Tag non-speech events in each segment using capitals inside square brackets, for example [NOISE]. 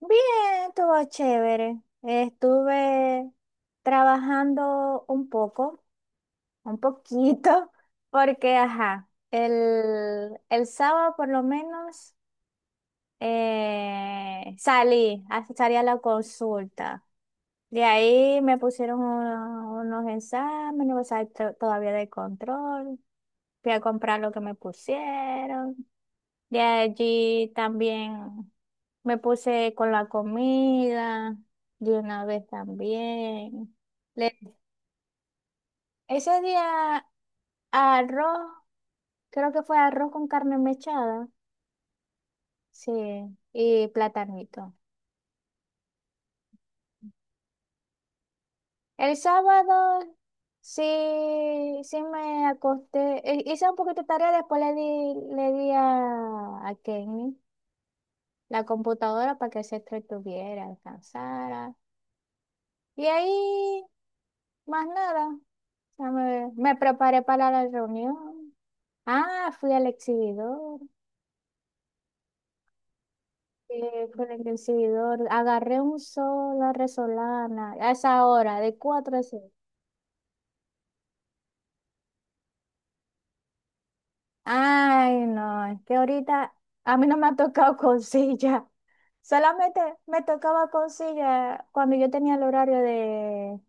Bien, todo chévere. Estuve trabajando un poco, un poquito, [LAUGHS] porque, ajá, el sábado por lo menos salí a la consulta. De ahí me pusieron unos exámenes, o sea, todavía de control. Fui a comprar lo que me pusieron. De allí también me puse con la comida, de una vez también. Le- Ese día arroz, creo que fue arroz con carne mechada, sí, y platanito. El sábado sí, sí me acosté, hice un poquito de tarea, después le di a Kenny la computadora para que se entretuviera, descansara. Y ahí más nada. O sea, me preparé para la reunión. Ah, fui al exhibidor. Fui al exhibidor. Agarré un sol a Resolana a esa hora, de 4 a 6. Ay, no, es que ahorita a mí no me ha tocado [LAUGHS] con silla. Solamente me tocaba consigue cuando yo tenía el horario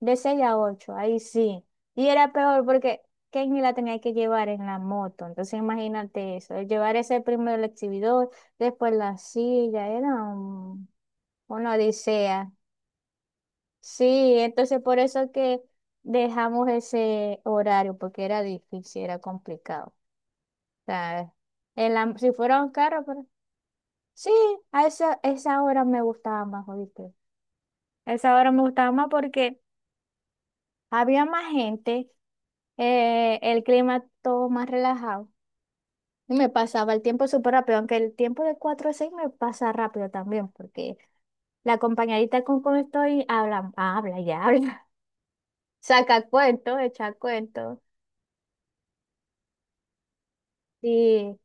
de 6 a 8 ahí sí. Y era peor porque Kenny la tenía que llevar en la moto. Entonces imagínate eso, llevar ese primero el exhibidor, después la silla, una odisea. Sí, entonces por eso que dejamos ese horario, porque era difícil, era complicado. O sea, si fuera un carro, pero sí, a esa hora me gustaba más, ¿oíste? Esa hora me gustaba más porque había más gente, el clima todo más relajado. Y me pasaba el tiempo súper rápido, aunque el tiempo de 4 a 6 me pasa rápido también, porque la compañerita con estoy habla, habla y habla, [LAUGHS] saca cuentos, echa cuentos. Sí,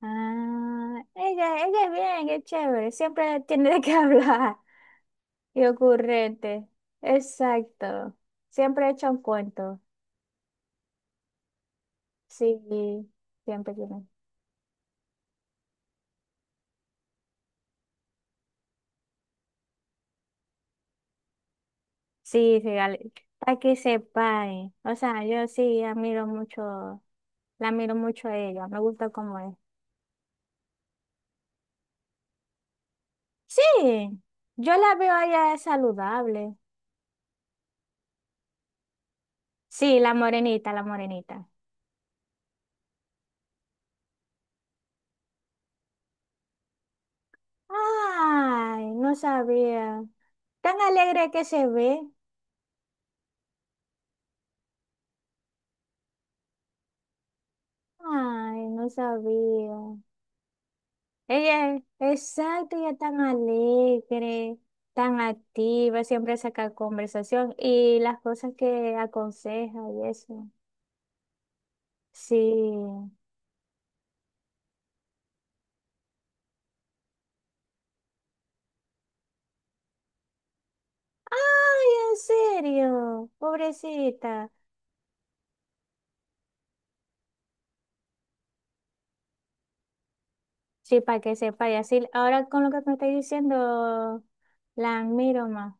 ah, ella es bien, es chévere, siempre tiene de qué [LAUGHS] hablar y ocurrente. Exacto, siempre echa un cuento. Sí, siempre tiene. Sí, sí, para que se pare. O sea, yo sí admiro mucho, la admiro mucho a ella, me gusta cómo es. Sí, yo la veo a ella saludable. Sí, la morenita, la morenita. Ay, no sabía. Tan alegre que se ve. Ay, no sabía. Ella, exacto, ella es tan alegre, tan activa, siempre saca conversación y las cosas que aconseja y eso. Sí. Ay, en serio, pobrecita. Sí, para que sepa, y así, ahora con lo que me estáis diciendo, la admiro más,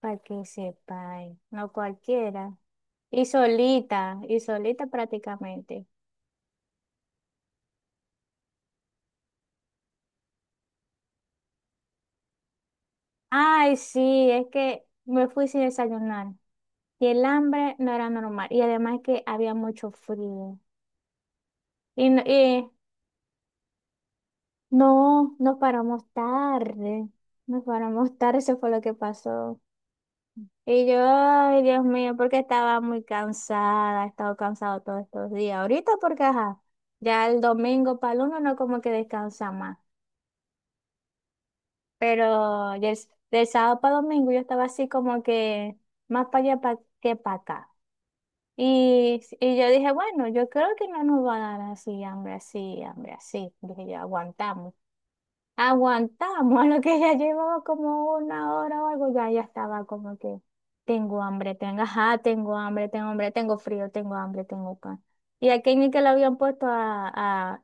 para que sepa, no cualquiera. Y solita prácticamente. Ay, sí, es que me fui sin desayunar. Y el hambre no era normal. Y además que había mucho frío. Y no, nos paramos tarde. Nos paramos tarde, eso fue lo que pasó. Y yo, ay, Dios mío, porque estaba muy cansada, he estado cansado todos estos días. Ahorita porque, ajá, ya el domingo para el uno no como que descansa más. Pero del sábado para domingo yo estaba así como que más para allá que para acá. Y yo dije, bueno, yo creo que no nos va a dar así, hambre, así, hambre, así. Dije yo, aguantamos. Aguantamos, [LAUGHS] a lo que ya llevaba como una hora o algo, ya, ya estaba como que tengo hambre, tengo, ajá, tengo hambre, tengo hambre, tengo frío, tengo hambre, tengo pan. Y a Kenny que lo habían puesto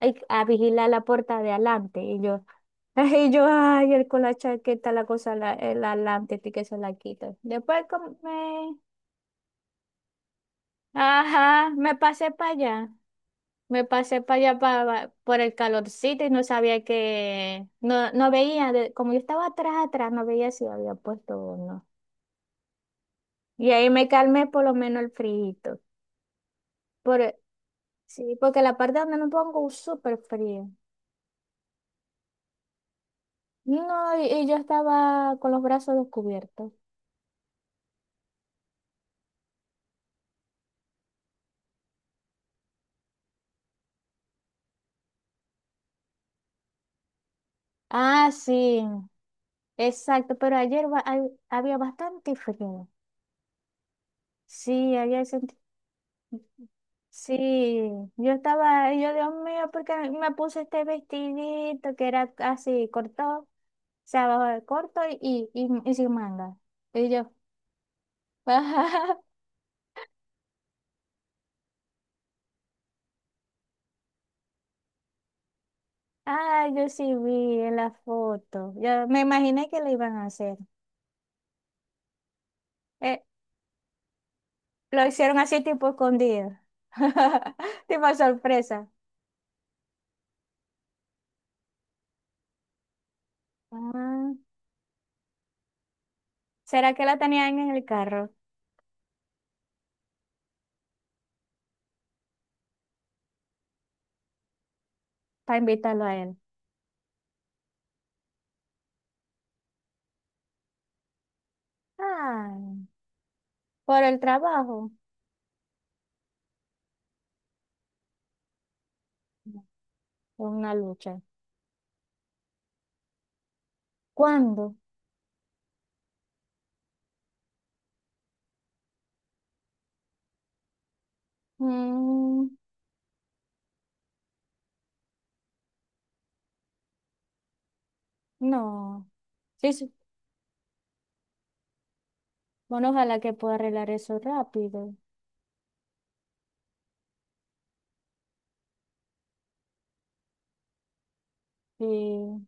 ay, a vigilar la puerta de adelante. Y yo, [LAUGHS] y yo, ay, él con la chaqueta, la cosa, la, el adelante, que se la quita. Después ajá, me pasé para allá. Me pasé para allá para, por el calorcito y no sabía que, no, no veía, como yo estaba atrás, atrás, no veía si había puesto o no. Y ahí me calmé por lo menos el frío. Por, sí, porque la parte donde no pongo es súper frío. No, y yo estaba con los brazos descubiertos. Ah, sí, exacto, pero había bastante frío. Sí, ayer sí, yo estaba, ahí, yo Dios mío, porque me puse este vestidito que era así corto, o sea, abajo corto y sin manga. Y yo, [LAUGHS] ah, yo sí vi en la foto. Yo me imaginé que lo iban a hacer. Eh, lo hicieron así tipo escondido, [LAUGHS] tipo sorpresa. Ah, ¿será que la tenían en el carro para invitarlo a él? Ah, por el trabajo, una lucha. ¿Cuándo? Mm, no. Sí, sí. Bueno, ojalá que pueda arreglar eso rápido. Sí.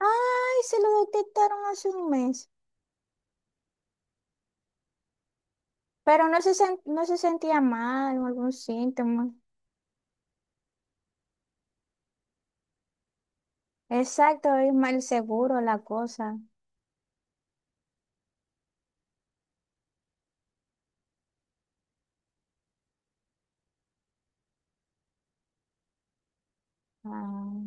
Ay, se lo detectaron hace 1 mes. Pero no se sentía mal o algún síntoma. Exacto, es mal seguro la cosa. Ah,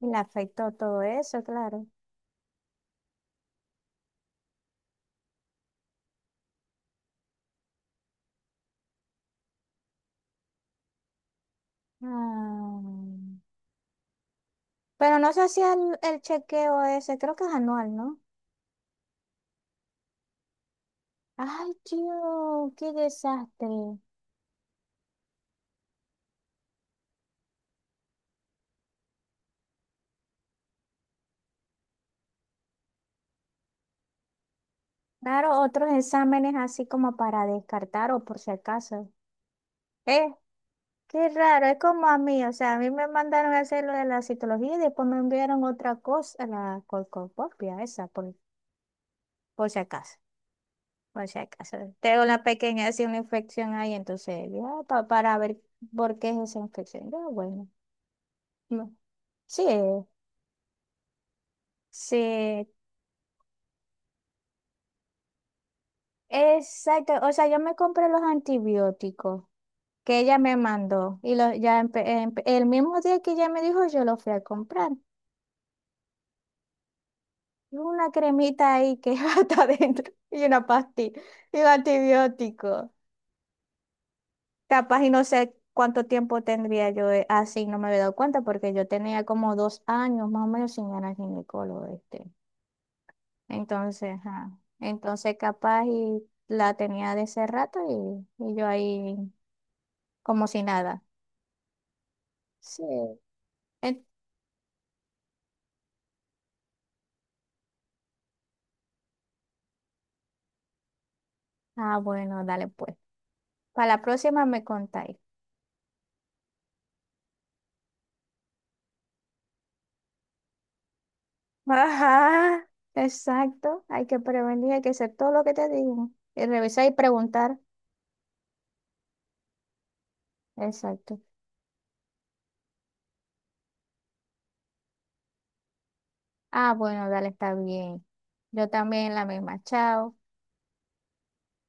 y le afectó todo eso, claro. Ah, pero no se hacía el chequeo ese, creo que es anual, ¿no? Ay, tío, qué desastre. Claro, otros exámenes así como para descartar o por si acaso. Eh, qué raro, es como a mí, o sea, a mí me mandaron a hacer lo de la citología y después me enviaron otra cosa, la colcopopia, esa, por si acaso, por si acaso. Tengo una pequeña, así una infección ahí, entonces, ya, para ver por qué es esa infección. Yo, bueno, no. Sí, sí, exacto, o sea, yo me compré los antibióticos que ella me mandó. Y lo, ya el mismo día que ella me dijo, yo lo fui a comprar. Y una cremita ahí que [LAUGHS] está adentro y una pastilla y un antibiótico. Capaz y no sé cuánto tiempo tendría yo así, no me había dado cuenta porque yo tenía como 2 años más o menos sin ganar ginecólogo este. Entonces, ajá. Entonces capaz y la tenía de ese rato y yo ahí como si nada. Sí. En- ah, bueno, dale pues. Para la próxima me contáis. Ajá, exacto. Hay que prevenir, hay que hacer todo lo que te digo. Y revisar y preguntar. Exacto. Ah, bueno, dale, está bien. Yo también la misma. Chao.